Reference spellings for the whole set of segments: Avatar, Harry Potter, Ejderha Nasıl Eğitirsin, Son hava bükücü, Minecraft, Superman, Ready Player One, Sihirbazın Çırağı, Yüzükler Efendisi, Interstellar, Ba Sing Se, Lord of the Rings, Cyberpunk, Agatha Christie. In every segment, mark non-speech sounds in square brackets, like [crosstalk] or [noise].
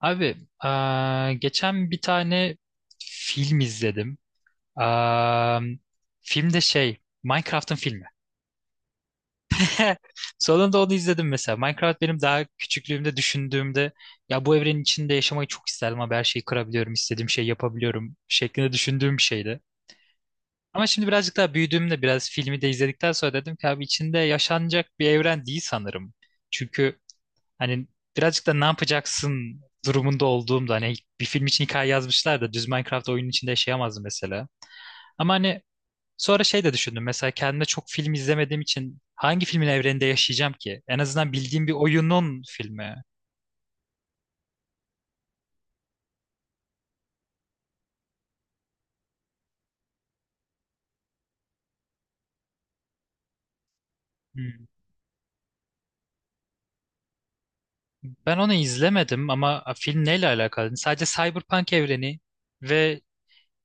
Abi, geçen bir tane film izledim. Eee filmde şey, Minecraft'ın filmi. [laughs] Sonunda onu izledim mesela. Minecraft benim daha küçüklüğümde düşündüğümde ya bu evrenin içinde yaşamayı çok isterdim ama her şeyi kırabiliyorum, istediğim şeyi yapabiliyorum şeklinde düşündüğüm bir şeydi. Ama şimdi birazcık daha büyüdüğümde biraz filmi de izledikten sonra dedim ki abi içinde yaşanacak bir evren değil sanırım. Çünkü hani birazcık da ne yapacaksın durumunda olduğumda hani bir film için hikaye yazmışlar da düz Minecraft oyunun içinde yaşayamazdım mesela. Ama hani sonra şey de düşündüm mesela kendime çok film izlemediğim için hangi filmin evreninde yaşayacağım ki? En azından bildiğim bir oyunun filmi. Hmm. Ben onu izlemedim ama film neyle alakalı? Hani sadece Cyberpunk evreni ve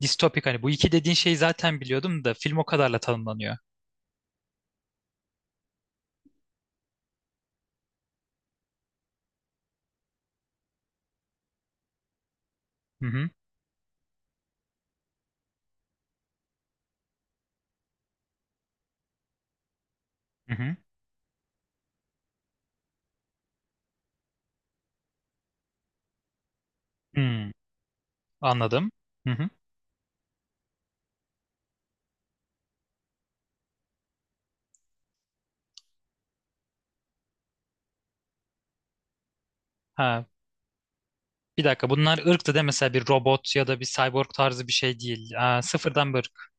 distopik, hani bu iki dediğin şeyi zaten biliyordum da film o kadarla tanımlanıyor. Hı hı. Hı hı. Hmm, anladım. Hı hı. Ha, bir dakika, bunlar ırktı değil mi? Mesela bir robot ya da bir cyborg tarzı bir şey değil. Aa, sıfırdan bir ırk.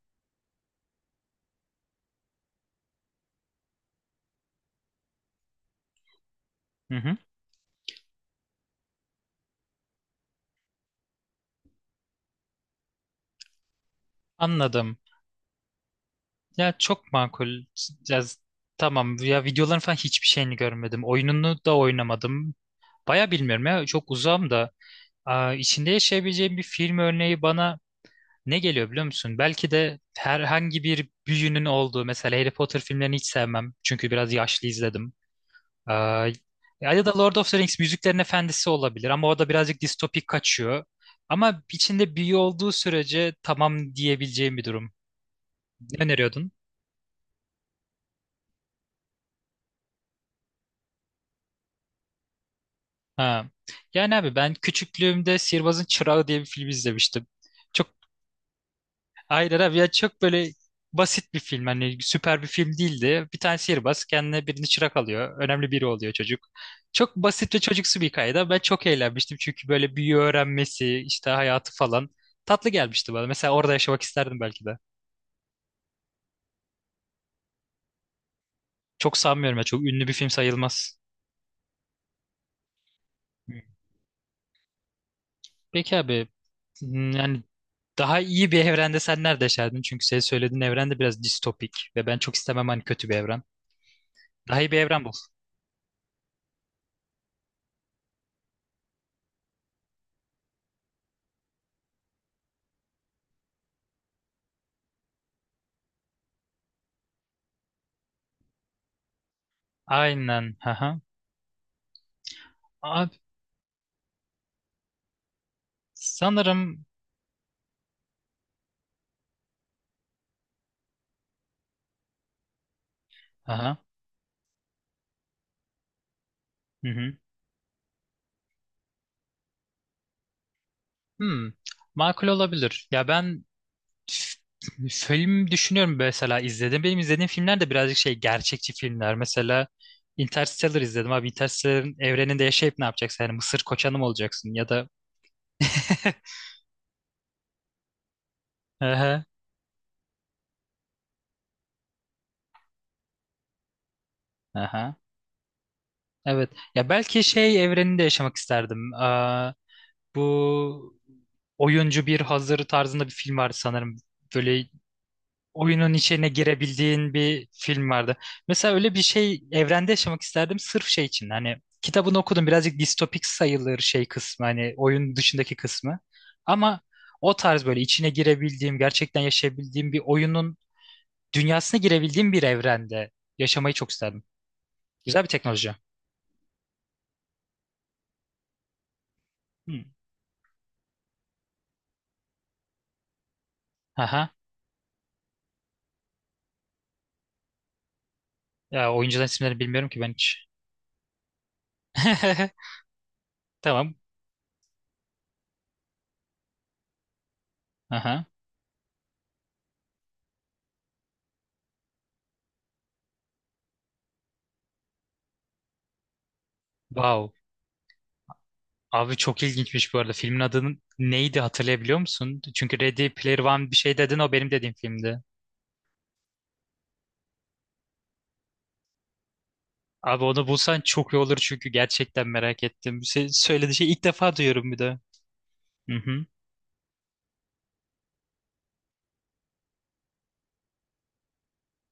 Hı hı. Anladım. Ya çok makul. Ya, z- tamam ya, videoların falan hiçbir şeyini görmedim. Oyununu da oynamadım. Baya bilmiyorum ya, çok uzağım da. Aa, içinde yaşayabileceğim bir film örneği bana ne geliyor biliyor musun? Belki de herhangi bir büyünün olduğu, mesela Harry Potter filmlerini hiç sevmem. Çünkü biraz yaşlı izledim. Ee, ya da Lord of the Rings, Müziklerin Efendisi olabilir ama o da birazcık distopik kaçıyor. Ama içinde büyü olduğu sürece tamam diyebileceğim bir durum. Ne öneriyordun? Ha. Yani abi ben küçüklüğümde Sihirbazın Çırağı diye bir film izlemiştim. Çok Hayır abi ya, çok böyle basit bir film, hani süper bir film değildi. Bir tane sihirbaz kendine birini çırak alıyor. Önemli biri oluyor çocuk. Çok basit ve çocuksu bir hikayede ben çok eğlenmiştim. Çünkü böyle büyü öğrenmesi işte, hayatı falan tatlı gelmişti bana. Mesela orada yaşamak isterdim belki de. Çok sanmıyorum ya, çok ünlü bir film sayılmaz. Hmm. Peki abi, hmm, yani daha iyi bir evrende sen nerede yaşardın? Çünkü senin söylediğin evren de biraz distopik ve ben çok istemem hani kötü bir evren. Daha iyi bir evren bul. Aynen. Haha. Abi sanırım. Aha. Hı hı. Hmm. Makul olabilir. F- Film düşünüyorum mesela, izledim. Benim izlediğim filmler de birazcık şey, gerçekçi filmler. Mesela Interstellar izledim abi. Interstellar'ın evreninde yaşayıp ne yapacaksın? Yani Mısır koçanı mı olacaksın? Ya da [laughs] aha, aha. Evet. Ya belki şey evreninde yaşamak isterdim. Aa, bu oyuncu bir hazır tarzında bir film vardı sanırım. Böyle oyunun içine girebildiğin bir film vardı. Mesela öyle bir şey evrende yaşamak isterdim sırf şey için. Hani kitabını okudum, birazcık distopik sayılır şey kısmı, hani oyun dışındaki kısmı. Ama o tarz böyle içine girebildiğim, gerçekten yaşayabildiğim bir oyunun dünyasına girebildiğim bir evrende yaşamayı çok isterdim. Güzel bir teknoloji. Hmm. Aha. Ya oyuncuların isimlerini bilmiyorum ki ben hiç. [laughs] Tamam. Aha. Wow. Abi çok ilginçmiş bu arada. Filmin adının neydi hatırlayabiliyor musun? Çünkü Ready Player One bir şey dedin, o benim dediğim filmdi. Abi onu bulsan çok iyi olur çünkü gerçekten merak ettim. Sen söylediğin şeyi ilk defa duyuyorum bir de. Hı hı,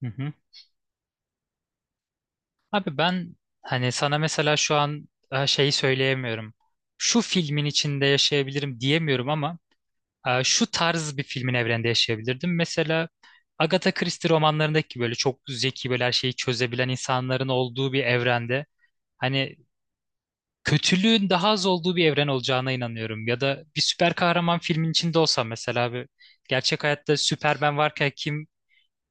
hı hı. Abi ben hani sana mesela şu an şeyi söyleyemiyorum. Şu filmin içinde yaşayabilirim diyemiyorum ama şu tarz bir filmin evrende yaşayabilirdim. Mesela Agatha Christie romanlarındaki böyle çok zeki, böyle her şeyi çözebilen insanların olduğu bir evrende. Hani kötülüğün daha az olduğu bir evren olacağına inanıyorum. Ya da bir süper kahraman filmin içinde olsam mesela abi, gerçek hayatta Superman varken kim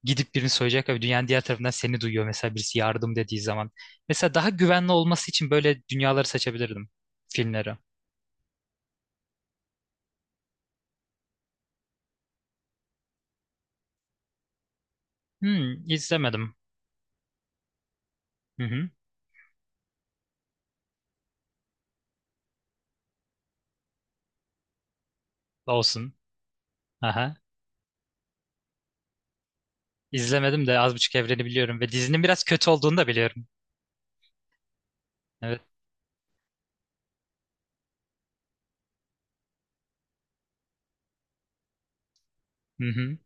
gidip birini soyacak abi, dünyanın diğer tarafından seni duyuyor mesela birisi yardım dediği zaman. Mesela daha güvenli olması için böyle dünyaları seçebilirdim, filmleri. Hmm, izlemedim. Hı hı, olsun. Aha. İzlemedim de az buçuk evreni biliyorum ve dizinin biraz kötü olduğunu da biliyorum. Evet. Hı hı.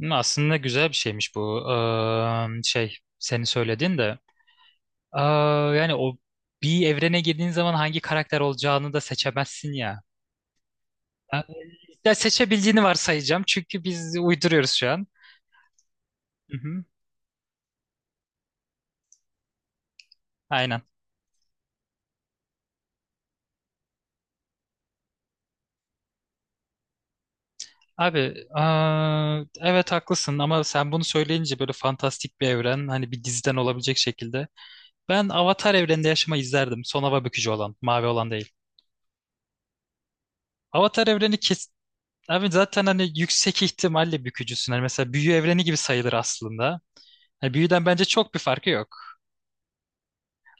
Hı, aslında güzel bir şeymiş bu. Şey, senin söylediğin de. Aa, yani o bir evrene girdiğin zaman hangi karakter olacağını da seçemezsin ya. Ha, ya seçebildiğini varsayacağım çünkü biz uyduruyoruz şu an. Hı hı, aynen. Abi, aa, evet haklısın ama sen bunu söyleyince böyle fantastik bir evren, hani bir diziden olabilecek şekilde. Ben Avatar evreninde yaşamayı izlerdim. Son hava bükücü olan, mavi olan değil. Avatar evreni kes... Abi zaten hani yüksek ihtimalle bükücüsün. Hani mesela büyü evreni gibi sayılır aslında. Hani büyüden bence çok bir farkı yok.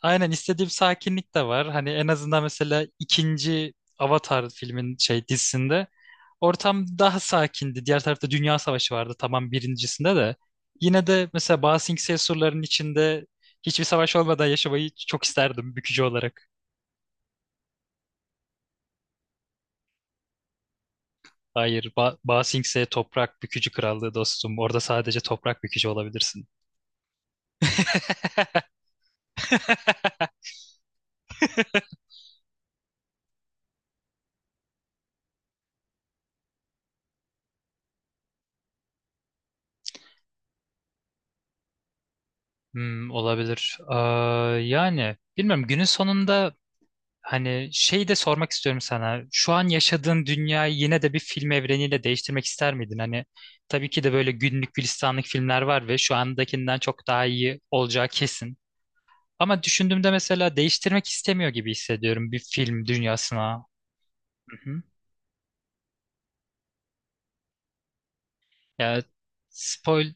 Aynen istediğim sakinlik de var. Hani en azından mesela ikinci Avatar filmin şey dizisinde ortam daha sakindi. Diğer tarafta Dünya Savaşı vardı, tamam birincisinde de. Yine de mesela Ba Sing Se surlarının içinde hiçbir savaş olmadan yaşamayı çok isterdim bükücü olarak. Hayır, Ba Sing Se toprak bükücü krallığı dostum. Orada sadece toprak bükücü olabilirsin. [laughs] Hmm, olabilir. Aa, yani bilmiyorum günün sonunda, hani şey de sormak istiyorum sana. Şu an yaşadığın dünyayı yine de bir film evreniyle değiştirmek ister miydin? Hani tabii ki de böyle günlük gülistanlık filmler var ve şu andakinden çok daha iyi olacağı kesin. Ama düşündüğümde mesela değiştirmek istemiyor gibi hissediyorum bir film dünyasına. Hı hı. Ya spoil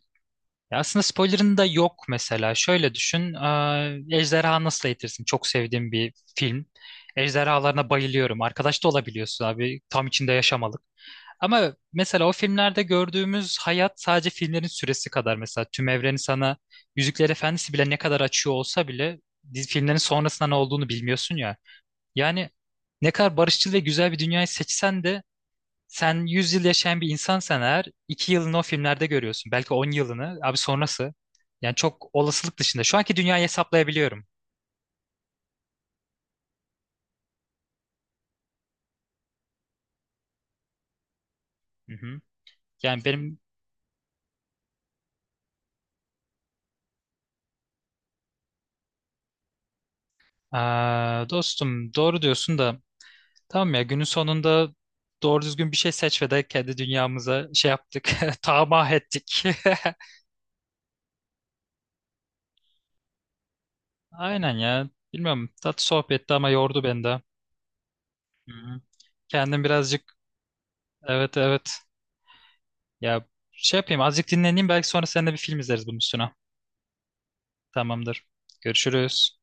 ya aslında spoiler'ın da yok mesela. Şöyle düşün. Ejderha Nasıl Eğitirsin? Çok sevdiğim bir film. Ejderhalarına bayılıyorum. Arkadaş da olabiliyorsun abi. Tam içinde yaşamalık. Ama mesela o filmlerde gördüğümüz hayat sadece filmlerin süresi kadar, mesela tüm evreni sana Yüzükler Efendisi bile ne kadar açıyor olsa bile, filmlerin sonrasında ne olduğunu bilmiyorsun ya. Yani ne kadar barışçıl ve güzel bir dünyayı seçsen de, sen 100 yıl yaşayan bir insansan eğer 2 yılını o filmlerde görüyorsun. Belki 10 yılını abi sonrası. Yani çok olasılık dışında. Şu anki dünyayı hesaplayabiliyorum. Hı hı. Yani benim. Aa, dostum doğru diyorsun da, tamam ya günün sonunda doğru düzgün bir şey seç ve de kendi dünyamıza şey yaptık. [laughs] Tamah ettik. [laughs] Aynen ya. Bilmiyorum. Tatlı sohbetti ama yordu beni de. Hı hı. Kendim birazcık, evet evet. Ya şey yapayım azıcık dinleneyim, belki sonra seninle bir film izleriz bunun üstüne. Tamamdır. Görüşürüz.